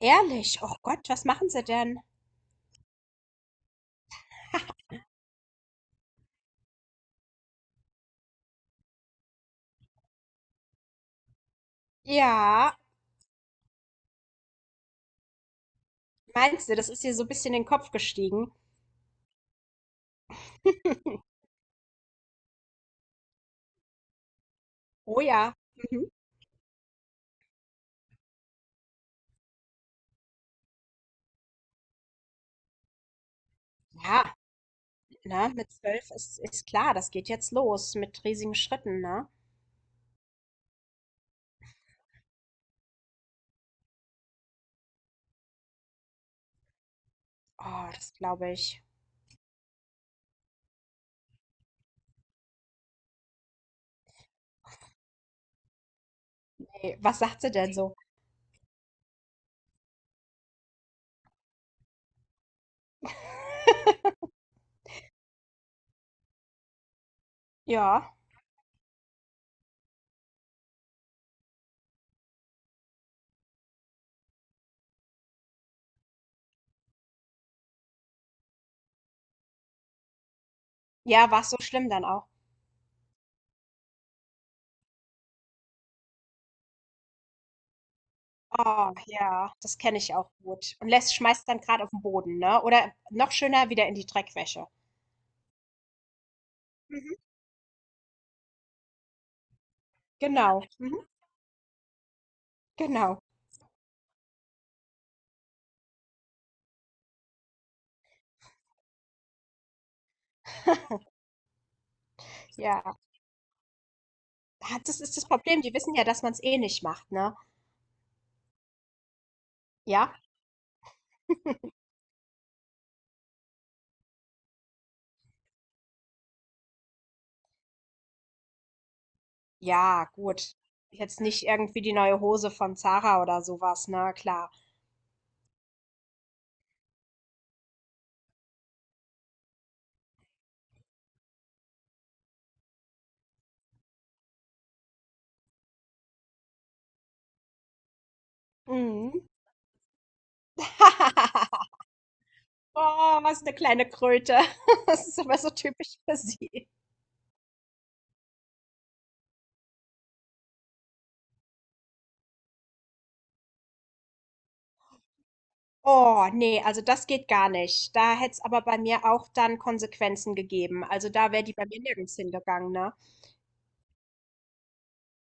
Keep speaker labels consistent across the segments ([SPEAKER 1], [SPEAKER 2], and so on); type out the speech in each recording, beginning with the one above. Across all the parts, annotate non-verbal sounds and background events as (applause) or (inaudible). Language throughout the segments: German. [SPEAKER 1] Ehrlich? Oh Gott, was machen sie denn? Ja, meinst du, das ist dir so ein bisschen in den Kopf gestiegen? Oh ja. Mhm. Ja, ne, mit 12 ist klar, das geht jetzt los mit riesigen Schritten, ne? Oh, das glaube ich. Nee, was sagt sie denn so? (laughs) Ja. Ja, war es so schlimm dann auch? Oh ja, das kenne ich auch gut. Und lässt, schmeißt dann gerade auf den Boden, ne? Oder noch schöner wieder in die Dreckwäsche. Mhm. Genau. Mhm. Genau. (laughs) Ja. Ah, das ist das Problem. Die wissen ja, dass man es eh nicht macht, ne? Ja? Ja, gut. Jetzt nicht irgendwie die neue Hose von Zara oder sowas. Na klar. Mhm. (laughs) Oh, was eine kleine Kröte. (laughs) Das ist aber so typisch für sie. Oh nee, also das geht gar nicht. Da hätte es aber bei mir auch dann Konsequenzen gegeben. Also, da wäre die bei mir nirgends hingegangen, ne?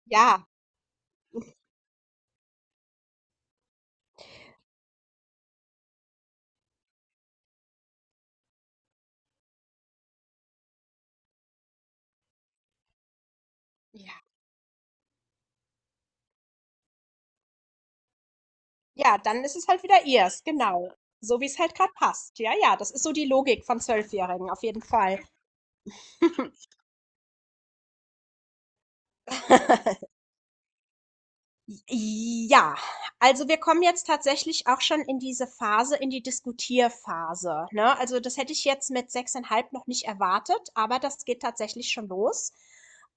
[SPEAKER 1] Ja, ja. Ja, dann ist es halt wieder ihrs, genau. So wie es halt gerade passt. Ja, ja, das ist so die Logik von Zwölfjährigen, auf jeden Fall. (laughs) Ja, also wir kommen jetzt tatsächlich auch schon in diese Phase, in die Diskutierphase, ne? Also das hätte ich jetzt mit 6,5 noch nicht erwartet, aber das geht tatsächlich schon los.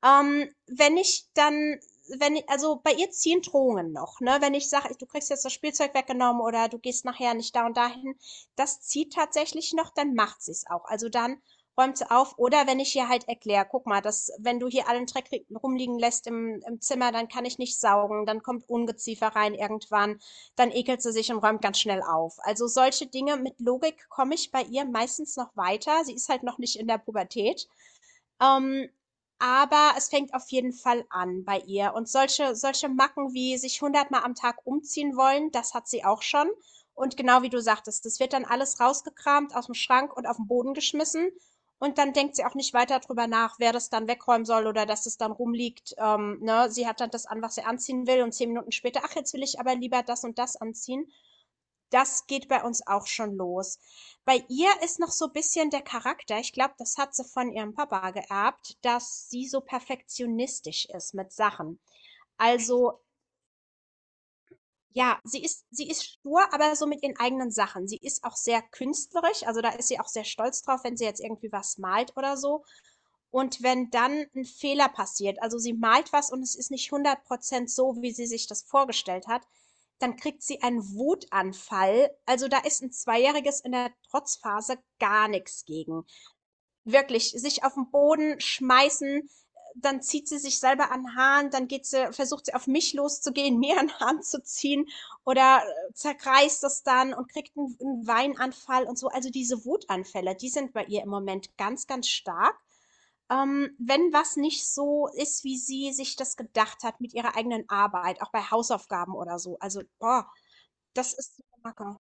[SPEAKER 1] Ähm, wenn ich dann, wenn ich, also bei ihr ziehen Drohungen noch, ne? Wenn ich sage, du kriegst jetzt das Spielzeug weggenommen oder du gehst nachher nicht da und dahin, das zieht tatsächlich noch, dann macht sie es auch. Also dann räumt sie auf. Oder wenn ich ihr halt erkläre, guck mal, dass wenn du hier allen Dreck rumliegen lässt im, im Zimmer, dann kann ich nicht saugen, dann kommt Ungeziefer rein irgendwann, dann ekelt sie sich und räumt ganz schnell auf. Also solche Dinge mit Logik komme ich bei ihr meistens noch weiter. Sie ist halt noch nicht in der Pubertät. Ähm, aber es fängt auf jeden Fall an bei ihr. Und solche Macken wie sich hundertmal am Tag umziehen wollen, das hat sie auch schon. Und genau wie du sagtest, das wird dann alles rausgekramt aus dem Schrank und auf den Boden geschmissen. Und dann denkt sie auch nicht weiter drüber nach, wer das dann wegräumen soll oder dass es dann rumliegt. Ne, sie hat dann das an, was sie anziehen will und 10 Minuten später: „Ach, jetzt will ich aber lieber das und das anziehen.“ Das geht bei uns auch schon los. Bei ihr ist noch so ein bisschen der Charakter, ich glaube, das hat sie von ihrem Papa geerbt, dass sie so perfektionistisch ist mit Sachen. Also ja, sie ist stur, aber so mit ihren eigenen Sachen. Sie ist auch sehr künstlerisch, also da ist sie auch sehr stolz drauf, wenn sie jetzt irgendwie was malt oder so. Und wenn dann ein Fehler passiert, also sie malt was und es ist nicht 100% so, wie sie sich das vorgestellt hat, dann kriegt sie einen Wutanfall. Also, da ist ein Zweijähriges in der Trotzphase gar nichts gegen. Wirklich, sich auf den Boden schmeißen, dann zieht sie sich selber an 'n Haaren, dann geht sie versucht sie auf mich loszugehen, (laughs) mir an den Haaren zu ziehen oder, zerreißt es dann und kriegt einen 'n Weinanfall und so. Also, diese Wutanfälle, die sind bei ihr im Moment ganz, ganz stark. Wenn was nicht so ist, wie sie sich das gedacht hat mit ihrer eigenen Arbeit, auch bei Hausaufgaben oder so. Also, boah, das ist so 'ne Macke.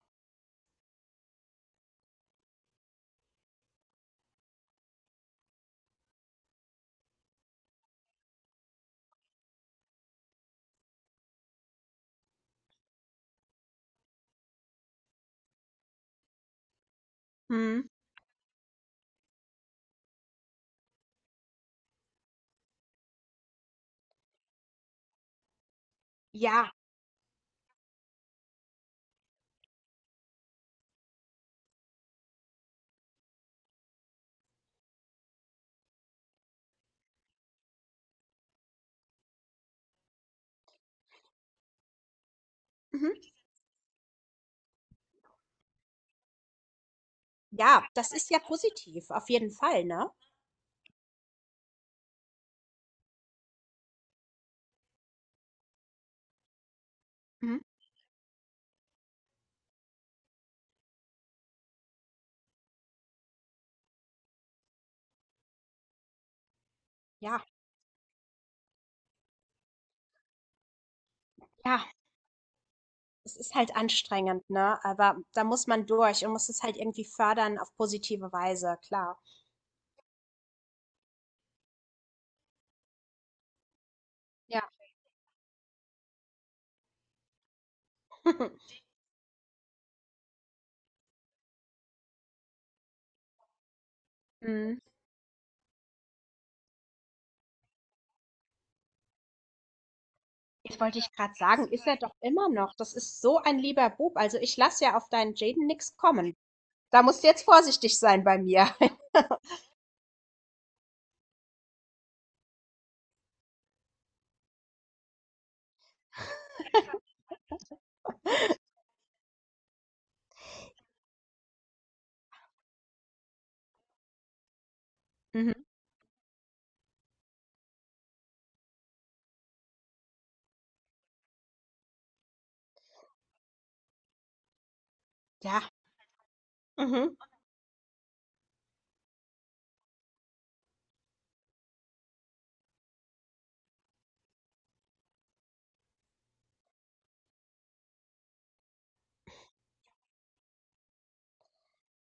[SPEAKER 1] Mhm. Ja. Mhm. Ja, das ist ja positiv, auf jeden Fall, ne? Mhm. Ja, ja, es ist halt anstrengend, ne? Aber da muss man durch und muss es halt irgendwie fördern auf positive Weise, klar. Ja. (laughs) Mhm. Jetzt wollte ich gerade sagen, ist er doch immer noch. Das ist so ein lieber Bub. Also ich lasse ja auf deinen Jaden nix kommen. Da musst du jetzt vorsichtig sein bei mir. (laughs) Mhm. Ja. Mhm.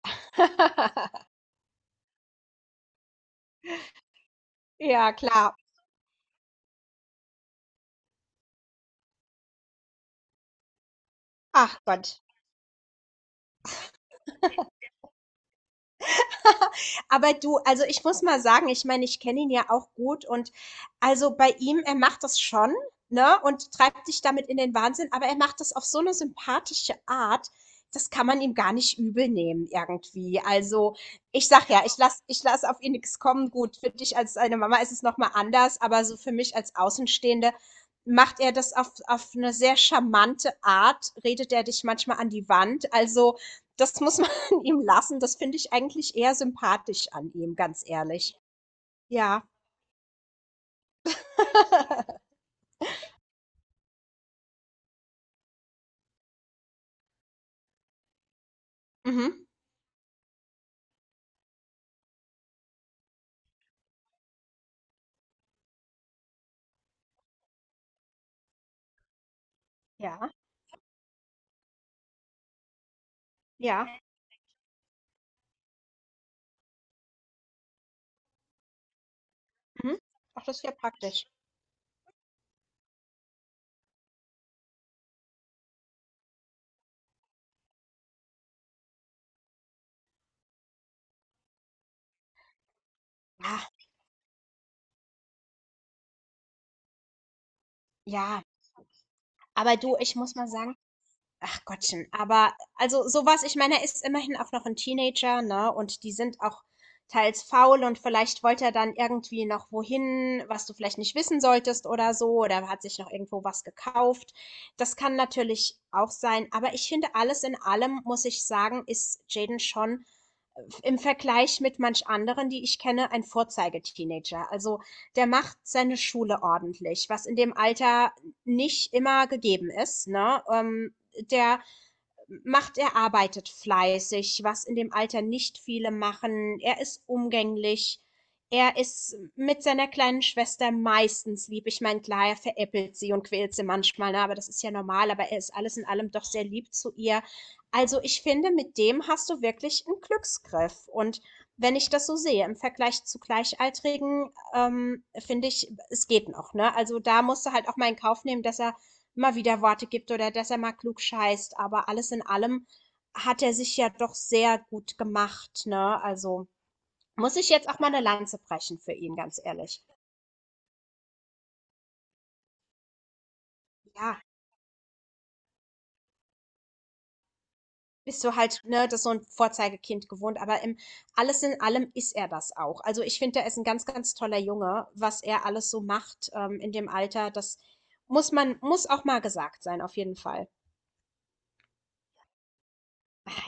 [SPEAKER 1] (laughs) Ja, klar. Ach Gott. Aber du, also ich muss mal sagen, ich meine, ich kenne ihn ja auch gut und also bei ihm, er macht das schon, ne, und treibt dich damit in den Wahnsinn, aber er macht das auf so eine sympathische Art, das kann man ihm gar nicht übel nehmen irgendwie. Also ich sag ja, ich lass auf ihn nichts kommen. Gut, für dich als seine Mama ist es nochmal anders, aber so für mich als Außenstehende macht er das auf eine sehr charmante Art, redet er dich manchmal an die Wand. Also das muss man ihm lassen. Das finde ich eigentlich eher sympathisch an ihm, ganz ehrlich. Ja. (laughs) Mhm. Ja, ja. Mhm. Ach, das ist ja praktisch. Ja, ja. Aber du, ich muss mal sagen, ach Gottchen, aber also sowas. Ich meine, er ist immerhin auch noch ein Teenager, ne, und die sind auch teils faul und vielleicht wollte er dann irgendwie noch wohin, was du vielleicht nicht wissen solltest oder so, oder hat sich noch irgendwo was gekauft. Das kann natürlich auch sein, aber ich finde, alles in allem, muss ich sagen, ist Jaden schon, im Vergleich mit manch anderen, die ich kenne, ein Vorzeigeteenager. Also, der macht seine Schule ordentlich, was in dem Alter nicht immer gegeben ist, ne? Der er arbeitet fleißig, was in dem Alter nicht viele machen. Er ist umgänglich. Er ist mit seiner kleinen Schwester meistens lieb. Ich meine, klar, er veräppelt sie und quält sie manchmal, ne? Aber das ist ja normal. Aber er ist alles in allem doch sehr lieb zu ihr. Also ich finde, mit dem hast du wirklich einen Glücksgriff. Und wenn ich das so sehe, im Vergleich zu Gleichaltrigen, finde ich, es geht noch. Ne? Also da musst du halt auch mal in Kauf nehmen, dass er immer wieder Worte gibt oder dass er mal klug scheißt. Aber alles in allem hat er sich ja doch sehr gut gemacht, ne? Also muss ich jetzt auch mal eine Lanze brechen für ihn, ganz ehrlich. Ja, bist du halt, ne, das ist so ein Vorzeigekind gewohnt, aber im alles in allem ist er das auch. Also ich finde, er ist ein ganz, ganz toller Junge, was er alles so macht in dem Alter. Das muss auch mal gesagt sein, auf jeden Fall.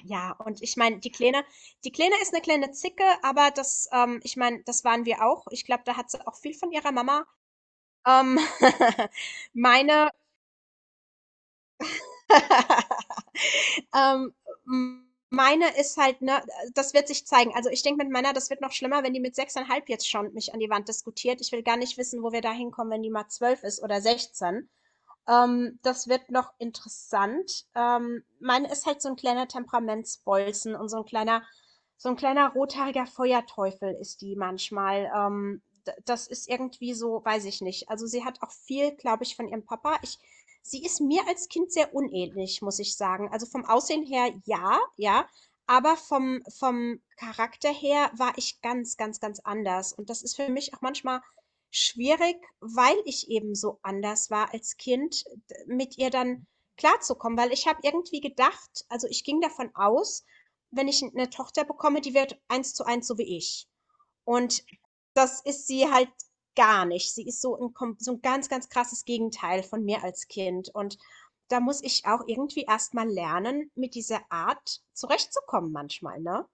[SPEAKER 1] Ja, und ich meine, die Kleine ist eine kleine Zicke, aber das, ich meine, das waren wir auch. Ich glaube, da hat sie auch viel von ihrer Mama. Ähm, (laughs) meine (laughs) ähm, m meine ist halt, ne, das wird sich zeigen. Also, ich denke, mit meiner das wird noch schlimmer, wenn die mit 6,5 jetzt schon mich an die Wand diskutiert. Ich will gar nicht wissen, wo wir da hinkommen, wenn die mal 12 ist oder 16. Das wird noch interessant. Meine ist halt so ein kleiner Temperamentsbolzen und so ein kleiner rothaariger Feuerteufel ist die manchmal. D Das ist irgendwie so, weiß ich nicht. Also, sie hat auch viel, glaube ich, von ihrem Papa. Ich Sie ist mir als Kind sehr unähnlich, muss ich sagen. Also, vom Aussehen her ja, ja, aber vom Charakter her war ich ganz, ganz, ganz anders. Und das ist für mich auch manchmal schwierig, weil ich eben so anders war als Kind, mit ihr dann klarzukommen. Weil ich habe irgendwie gedacht, also ich ging davon aus, wenn ich eine Tochter bekomme, die wird eins zu eins so wie ich. Und das ist sie halt gar nicht. Sie ist so ein, so ein ganz, ganz krasses Gegenteil von mir als Kind. Und da muss ich auch irgendwie erstmal lernen, mit dieser Art zurechtzukommen manchmal, ne?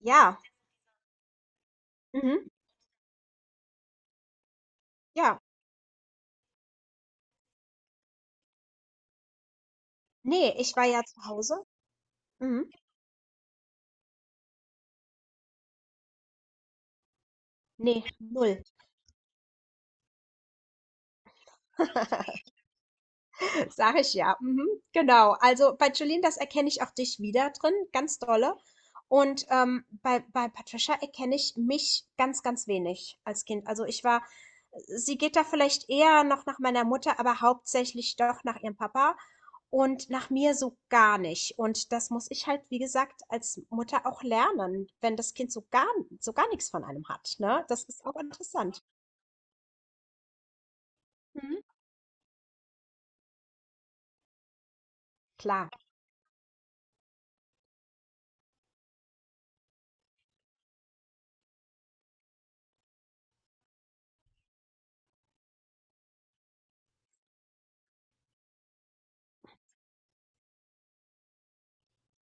[SPEAKER 1] Ja. Mhm. Ja. Nee, ich war ja zu Hause. Mhm. Nee, null. (laughs) Sag ich ja. Mhm. Genau. Also bei Jolene, das erkenne ich auch dich wieder drin, ganz dolle. Und bei, bei Patricia erkenne ich mich ganz, ganz wenig als Kind. Also ich war, sie geht da vielleicht eher noch nach meiner Mutter, aber hauptsächlich doch nach ihrem Papa und nach mir so gar nicht. Und das muss ich halt, wie gesagt, als Mutter auch lernen, wenn das Kind so gar nichts von einem hat. Ne? Das ist auch interessant. Mhm. Klar.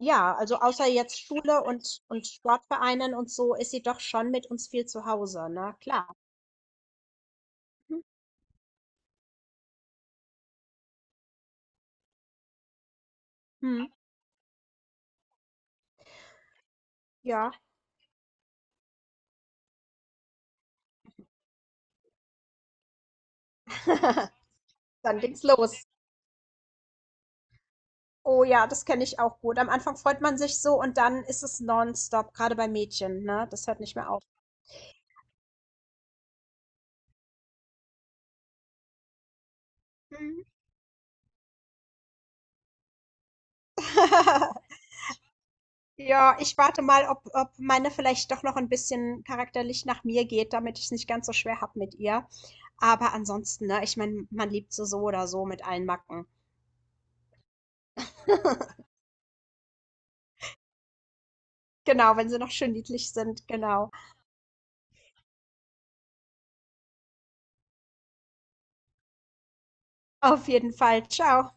[SPEAKER 1] Ja, also außer jetzt Schule und Sportvereinen und so ist sie doch schon mit uns viel zu Hause, na klar. Mhm. Mhm. Ja. (laughs) Dann ging's los. Oh ja, das kenne ich auch gut. Am Anfang freut man sich so und dann ist es nonstop, gerade bei Mädchen, ne? Das hört nicht mehr auf. Mhm. (laughs) Ja, ich warte mal, ob meine vielleicht doch noch ein bisschen charakterlich nach mir geht, damit ich es nicht ganz so schwer habe mit ihr. Aber ansonsten, ne, ich meine, man liebt sie so oder so mit allen Macken. (laughs) Genau, wenn sie noch schön niedlich sind, genau. Auf jeden Fall. Ciao.